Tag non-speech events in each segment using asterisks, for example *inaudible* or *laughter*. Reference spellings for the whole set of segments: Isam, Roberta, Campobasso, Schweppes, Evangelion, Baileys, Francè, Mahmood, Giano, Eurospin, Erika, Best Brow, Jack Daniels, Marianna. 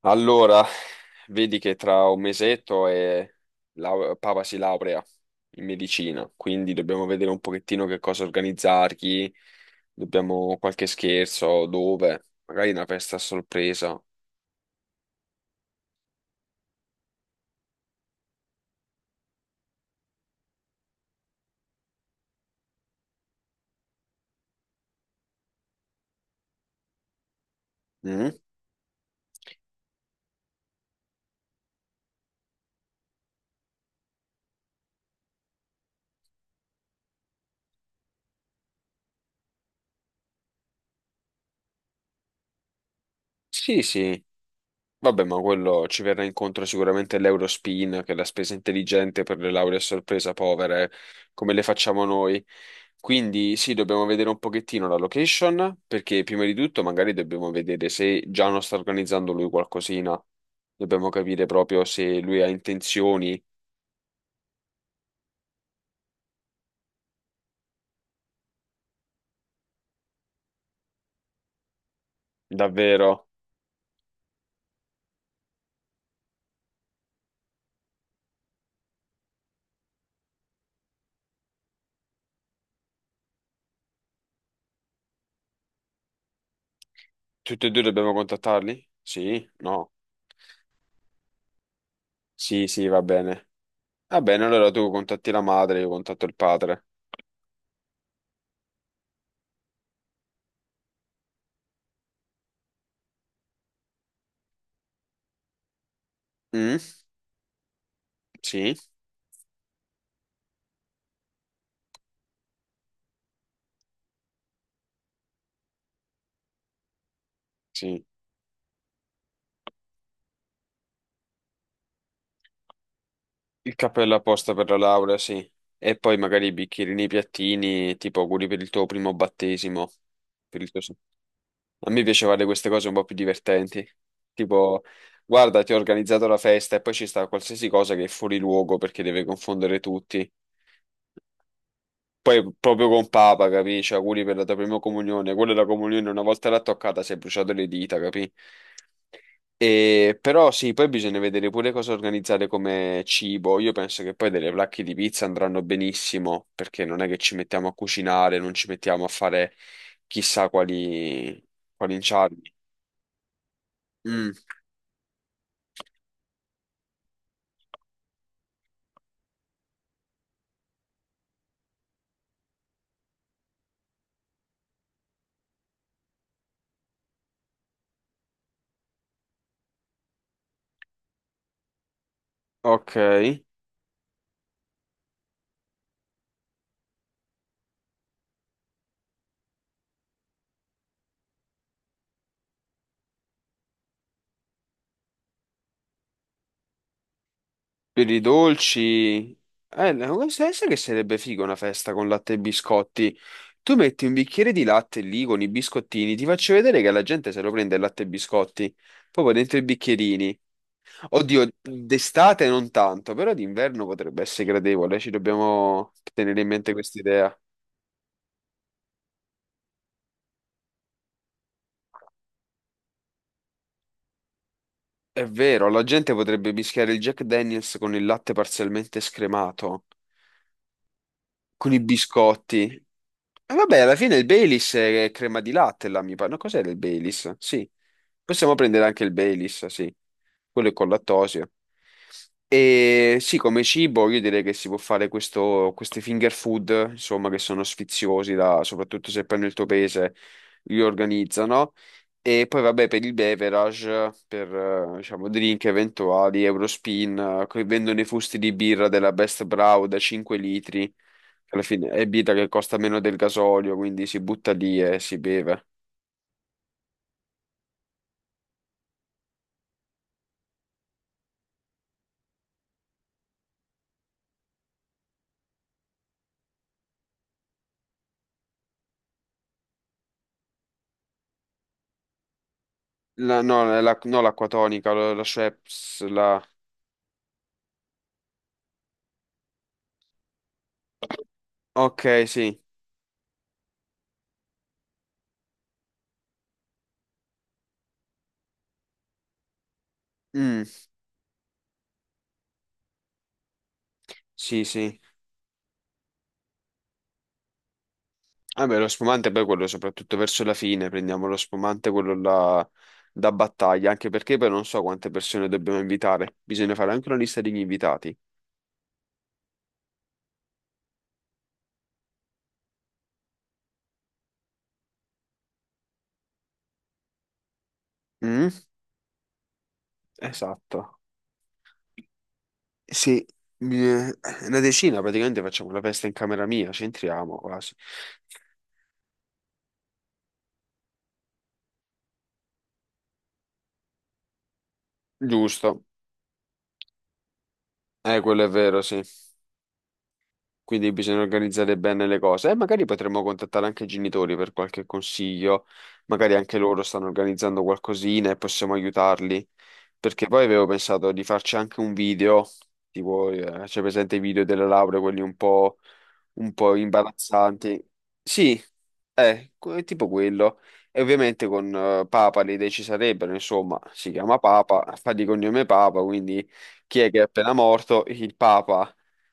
Allora, vedi che tra un mesetto e Papa si laurea in medicina, quindi dobbiamo vedere un pochettino che cosa organizzargli, dobbiamo qualche scherzo, dove, magari una festa a sorpresa. Mm? Sì, sì. Vabbè, ma quello ci verrà incontro sicuramente l'Eurospin, che è la spesa intelligente per le lauree a sorpresa povere, come le facciamo noi. Quindi sì, dobbiamo vedere un pochettino la location, perché prima di tutto magari dobbiamo vedere se Giano sta organizzando lui qualcosina. Dobbiamo capire proprio se lui ha intenzioni, davvero. Tutti e due dobbiamo contattarli? Sì? No? Sì, sì, va bene. Va bene, allora tu contatti la madre, io contatto il padre. Mm? Sì? Sì. Il cappello apposta per la laurea, sì. E poi magari i bicchierini, i piattini, tipo auguri per il tuo primo battesimo. Per il tuo so- A me piace fare queste cose un po' più divertenti. Tipo, guarda, ti ho organizzato la festa e poi ci sta qualsiasi cosa che è fuori luogo perché deve confondere tutti. Poi proprio con Papa, capì? Cioè, auguri per la tua prima comunione. Quella è la comunione, una volta l'ha toccata, si è bruciato le dita, capì? Però sì, poi bisogna vedere pure cosa organizzare come cibo. Io penso che poi delle placche di pizza andranno benissimo, perché non è che ci mettiamo a cucinare, non ci mettiamo a fare chissà quali inciagini. Mm, ok, per i dolci, no, sai che sarebbe figo una festa con latte e biscotti. Tu metti un bicchiere di latte lì con i biscottini, ti faccio vedere che la gente se lo prende il latte e biscotti, proprio dentro i bicchierini. Oddio, d'estate non tanto, però d'inverno potrebbe essere gradevole, ci dobbiamo tenere in mente questa idea. È vero, la gente potrebbe mischiare il Jack Daniels con il latte parzialmente scremato, con i biscotti. Vabbè, alla fine il Baileys è crema di latte, là, mi pare. No, cos'era il Baileys? Sì. Possiamo prendere anche il Baileys, sì. Quello è con lattosio. E sì, come cibo io direi che si può fare questo, queste finger food, insomma, che sono sfiziosi, da- soprattutto se poi nel tuo paese li organizzano. E poi vabbè, per il beverage, per diciamo drink eventuali, Eurospin, che vendono i fusti di birra della Best Brow da 5 litri alla fine è vita che costa meno del gasolio, quindi si butta lì e si beve. No, la, no, l'acqua tonica, la Schweppes, la... Ok, sì. Mm, sì, sì. Vabbè, lo spumante poi quello soprattutto verso la fine, prendiamo lo spumante, quello là da battaglia, anche perché poi non so quante persone dobbiamo invitare. Bisogna fare anche una lista degli invitati. Mm, esatto. Sì, eh, una decina praticamente facciamo la festa in camera mia, ci entriamo quasi. Giusto. Quello è vero, sì. Quindi bisogna organizzare bene le cose. E magari potremmo contattare anche i genitori per qualche consiglio. Magari anche loro stanno organizzando qualcosina e possiamo aiutarli. Perché poi avevo pensato di farci anche un video, tipo, c'è presente i video delle lauree, quelli un po' imbarazzanti. Sì, tipo quello. E ovviamente con Papa le idee ci sarebbero, insomma, si chiama Papa, fa di cognome Papa, quindi chi è che è appena morto? Il Papa.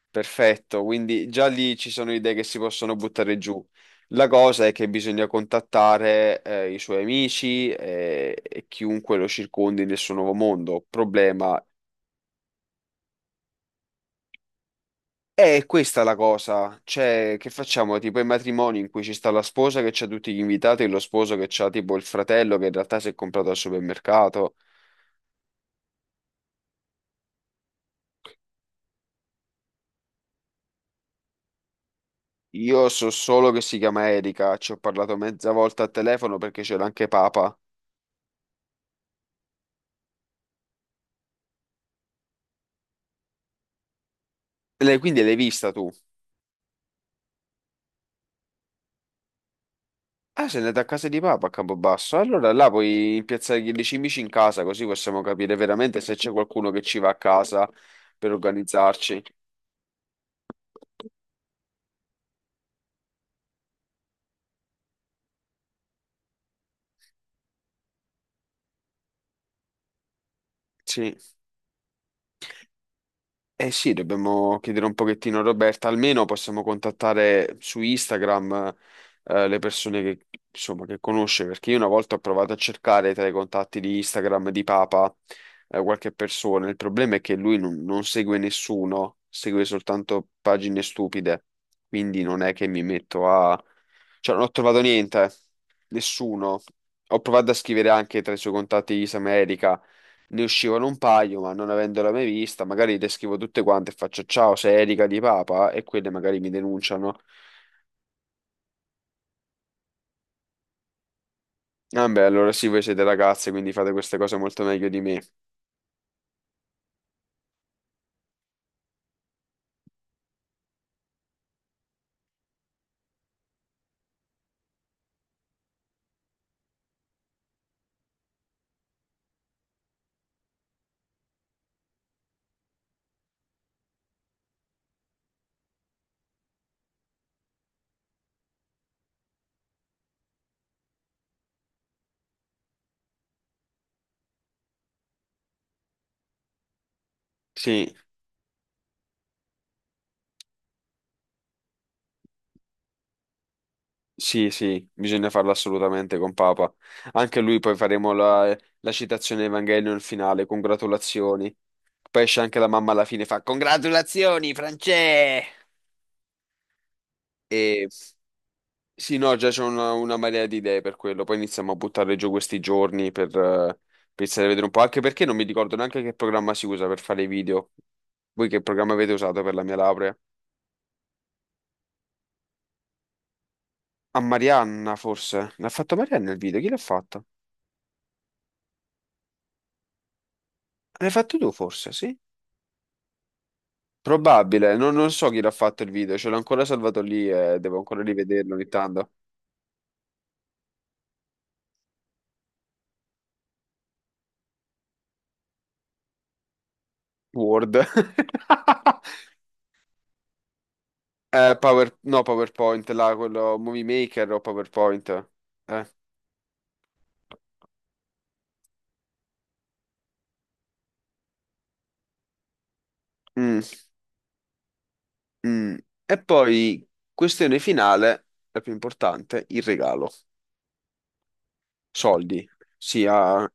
Perfetto, quindi già lì ci sono idee che si possono buttare giù. La cosa è che bisogna contattare i suoi amici e chiunque lo circondi nel suo nuovo mondo. Problema è questa la cosa, cioè che facciamo tipo i matrimoni in cui ci sta la sposa che c'ha tutti gli invitati e lo sposo che c'ha tipo il fratello che in realtà si è comprato al supermercato. Io so solo che si chiama Erika, ci ho parlato mezza volta al telefono perché c'era anche Papa. Quindi l'hai vista tu? Ah, se andate a casa di Papa a Campobasso, allora là puoi impiazzare gli cimici in casa, così possiamo capire veramente se c'è qualcuno che ci va a casa per organizzarci. Sì. Eh sì, dobbiamo chiedere un pochettino a Roberta, almeno possiamo contattare su Instagram le persone che, insomma, che conosce, perché io una volta ho provato a cercare tra i contatti di Instagram di Papa qualche persona, il problema è che lui non segue nessuno, segue soltanto pagine stupide, quindi non è che mi metto a... Cioè non ho trovato niente, nessuno. Ho provato a scrivere anche tra i suoi contatti Isam e Erika, ne uscivano un paio, ma non avendola mai vista, magari le scrivo tutte quante e faccio ciao, sei Erika di Papa e quelle magari mi denunciano. Vabbè, allora sì, voi siete ragazze, quindi fate queste cose molto meglio di me. Sì, sì, sì, bisogna farlo assolutamente con Papa. Anche lui poi faremo la, la citazione Evangelion finale, congratulazioni. Poi esce anche la mamma alla fine, fa congratulazioni, Francè! E Sì, no, già c'è una marea di idee per quello. Poi iniziamo a buttare giù questi giorni per pensare a vedere un po'. Anche perché non mi ricordo neanche che programma si usa per fare i video. Voi che programma avete usato per la mia laurea? A Marianna, forse. L'ha fatto Marianna il video? Chi l'ha fatto? L'hai fatto tu, forse, sì? Probabile. Non, non so chi l'ha fatto il video. Ce l'ho ancora salvato lì e devo ancora rivederlo ogni tanto. Word. *laughs* No, PowerPoint, là, quello... Movie Maker o PowerPoint. Eh. Mm. Mm. E poi, questione finale, la più importante, il regalo. Soldi. Sì, ah,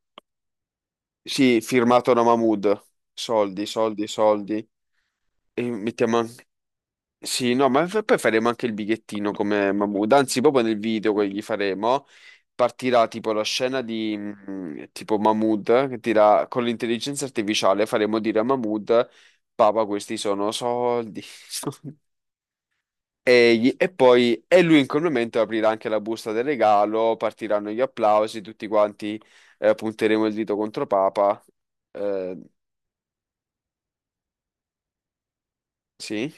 sì, firmato da Mahmood. Soldi, soldi, soldi. E mettiamo anche... Sì, no, ma poi faremo anche il bigliettino come Mahmood. Anzi, proprio nel video che gli faremo, partirà tipo la scena di tipo Mahmood, che tira con l'intelligenza artificiale, faremo dire a Mahmood, Papa, questi sono soldi. *laughs* Egli, e poi e lui in quel momento aprirà anche la busta del regalo, partiranno gli applausi, tutti quanti punteremo il dito contro Papa. Eh, sì,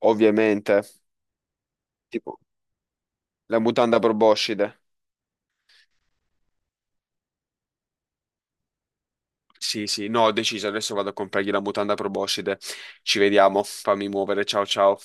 ovviamente. Tipo la mutanda proboscide. Sì, sì, no, ho deciso, adesso vado a comprargli la mutanda proboscide. Ci vediamo, fammi muovere, ciao ciao.